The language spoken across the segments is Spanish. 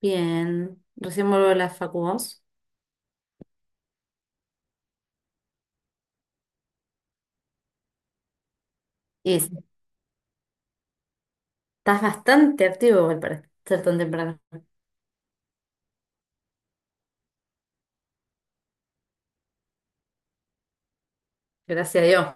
Bien, recién vuelvo de la facu vos. Y sí, estás bastante activo igual para ser tan temprano. Gracias a Dios.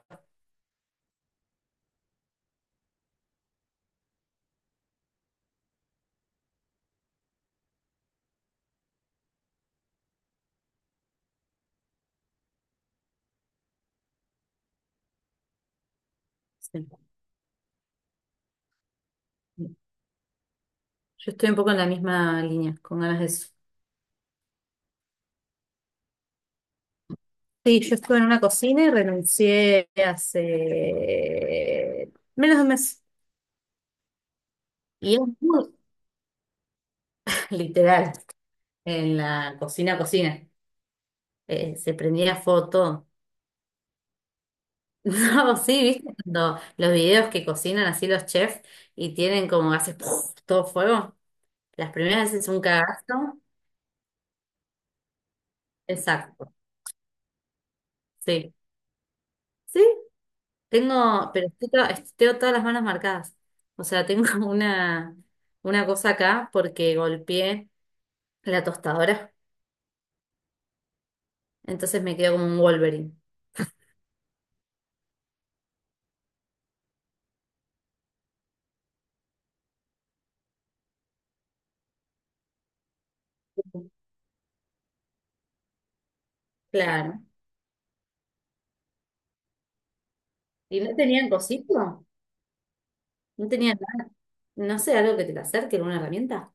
Sí. Yo estoy un poco en la misma línea, con ganas de eso. Sí, yo estuve en una cocina y renuncié hace menos de un mes. Y es muy literal, en la cocina, cocina. Se prendía foto. No, sí, viste, cuando los videos que cocinan así los chefs y tienen como hace ¡puf! Todo fuego. Las primeras veces es un cagazo. Exacto. Sí. Sí, tengo, pero tengo todas las manos marcadas. O sea, tengo una cosa acá porque golpeé la tostadora. Entonces me quedo como un Wolverine. Claro. ¿Y no tenían cosito? ¿No tenían nada? No sé, algo que te la acerque, alguna herramienta.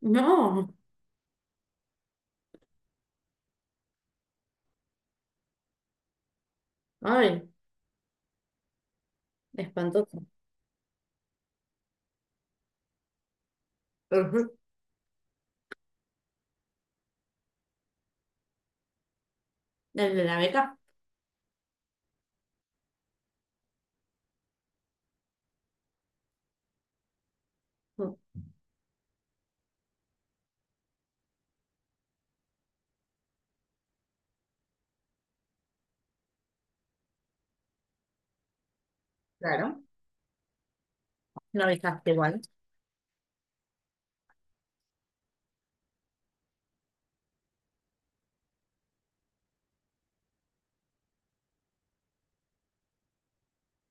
No. Ay, espantoso. Ujú. ¿El de la beca? Mm. Claro. No avisaste igual.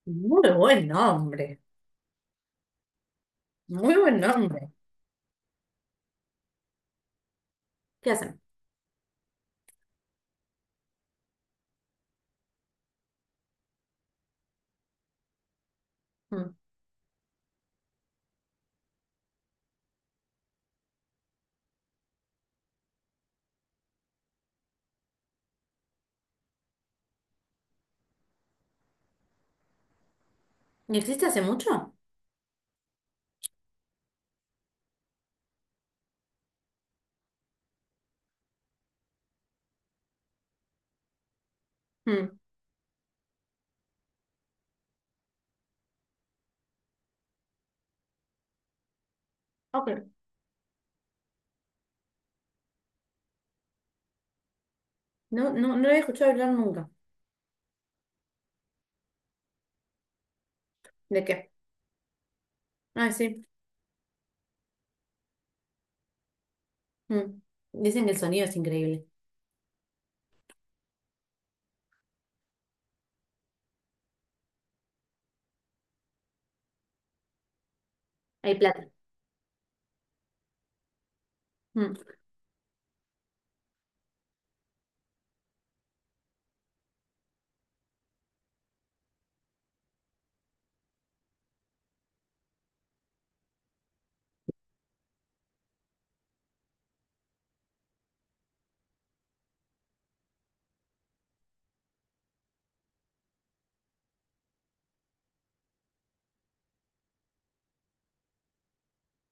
Muy buen nombre. Muy buen nombre. ¿Qué hacen? Mm. ¿Y existe hace mucho? Mm. Ok. No, no, no lo he escuchado hablar nunca. ¿De qué? Ah, sí. Mm. Dicen que el sonido es increíble. Hay plata. Mm.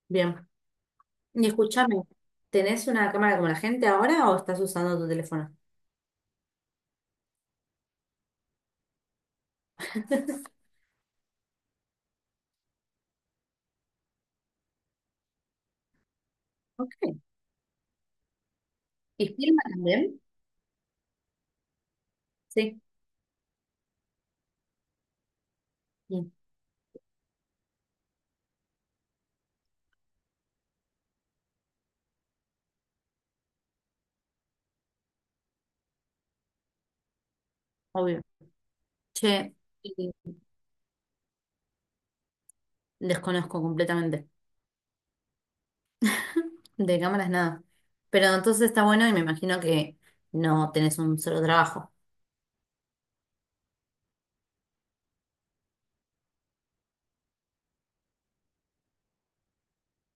Bien. Y escúchame, ¿tenés una cámara como la gente ahora o estás usando tu teléfono? Ok. ¿Y filma también? Sí. Sí, obvio. Che, y desconozco completamente. De cámaras nada. Pero entonces está bueno y me imagino que no tenés un solo trabajo.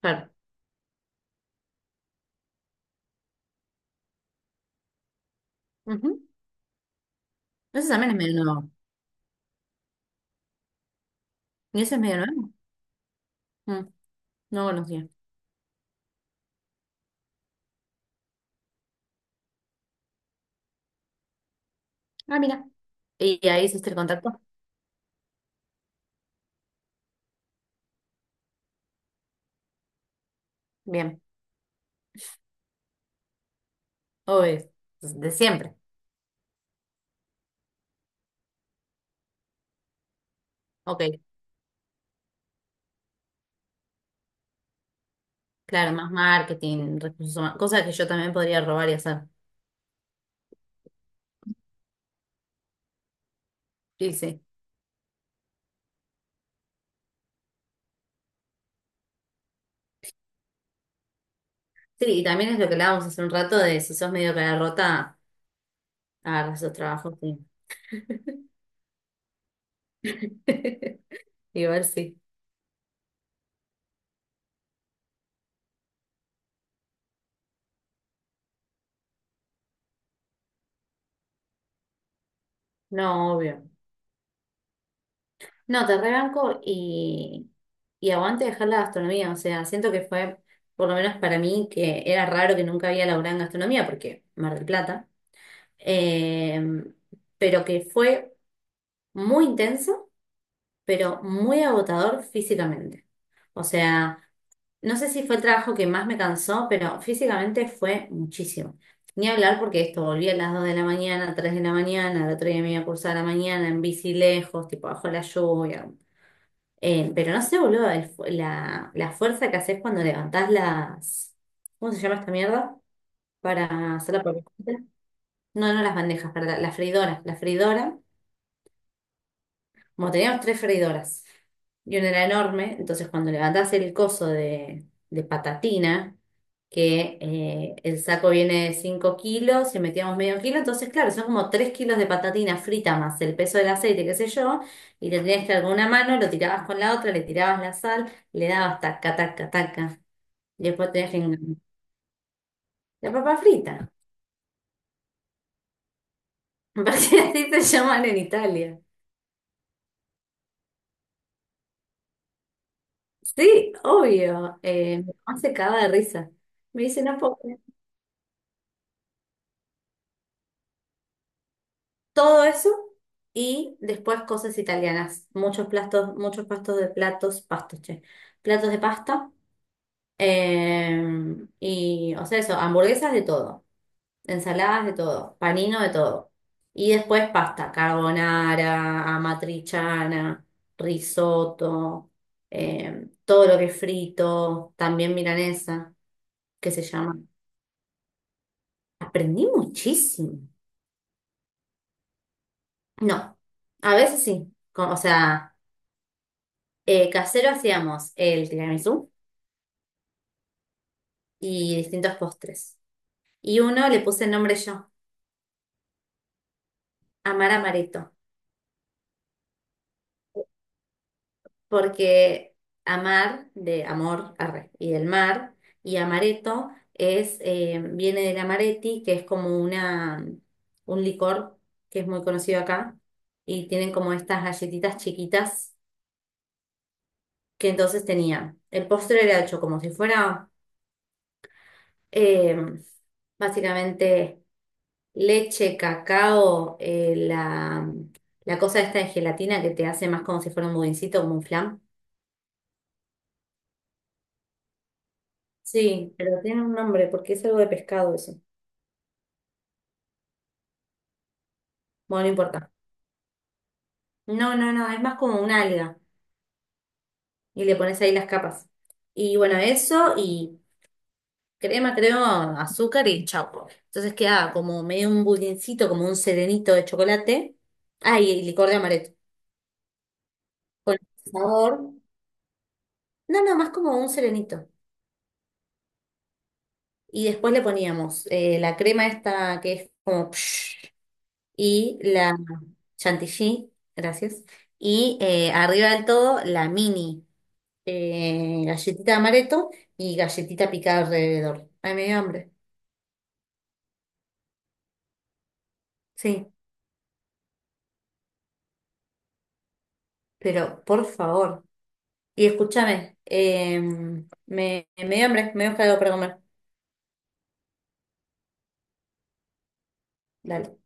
Claro. Ujú. Eso también es medio nuevo. ¿Y eso es medio nuevo? Mm. No conocía. Ah, mira. ¿Y ahí hiciste el contacto? Bien. Obvio. De siempre. Ok. Claro, más marketing, recursos humanos, cosas que yo también podría robar y hacer. Sí, sí. Sí, y también es lo que hablábamos hace un rato de si sos medio cara rota, agarras esos trabajos. Sí. Igual sí. No, obvio. No, te rebanco y aguante dejar la gastronomía. O sea, siento que fue, por lo menos para mí, que era raro que nunca había laburado en gastronomía, porque Mar del Plata. eh, pero que fue muy intenso, pero muy agotador físicamente. O sea, no sé si fue el trabajo que más me cansó, pero físicamente fue muchísimo. Ni hablar porque esto volví a las 2 de la mañana, 3 de la mañana, el otro día me iba a cursar a la mañana en bici lejos, tipo bajo la lluvia. Pero no sé, boludo, la fuerza que haces cuando levantás las... ¿Cómo se llama esta mierda? Para hacer la papeleta. No, no las bandejas, para las freidoras. La freidora, como teníamos tres freidoras y una era enorme, entonces cuando levantás el coso de patatina, que el saco viene de 5 kilos, si metíamos 1/2 kilo, entonces claro, son como 3 kilos de patatina frita más el peso del aceite, qué sé yo, y le tenías que dar con una mano, lo tirabas con la otra, le tirabas la sal, le dabas taca, taca, taca, y después tenías que... engan- La papa frita, parece así se llaman en Italia. Sí, obvio, mi mamá se cagaba de risa. Me dice, no puedo. Todo eso y después cosas italianas. Muchos platos, muchos pastos de platos, pastos, che. Platos de pasta. Y, o sea, eso, hamburguesas de todo. Ensaladas de todo, panino de todo. Y después pasta, carbonara, amatriciana, risotto, todo lo que es frito, también milanesa, que se llama. Aprendí muchísimo. No, a veces sí. O sea, casero hacíamos el tiramisú y distintos postres. Y uno le puse el nombre yo, Amar Amaretto, porque amar de amor arre, y del mar, y amaretto es, viene del amaretti, que es como una, un licor que es muy conocido acá, y tienen como estas galletitas chiquitas que entonces tenían. El postre era hecho como si fuera Eh, básicamente leche, cacao, la, la cosa esta de gelatina que te hace más como si fuera un budincito, como un flan. Sí, pero tiene un nombre porque es algo de pescado eso. Bueno, no importa. No, no, no, es más como una alga y le pones ahí las capas. Y bueno, eso y crema, creo, azúcar y chau. Entonces queda como medio un budincito, como un serenito de chocolate. Ah, y licor de amaretto. Con sabor. No, no, más como un serenito. Y después le poníamos la crema esta que es como psh, y la chantilly, gracias. Y arriba del todo la mini galletita de amaretto y galletita picada alrededor. Ay, me dio hambre. Sí, pero por favor. Y escúchame, me dio hambre, me dio algo para comer. Dale.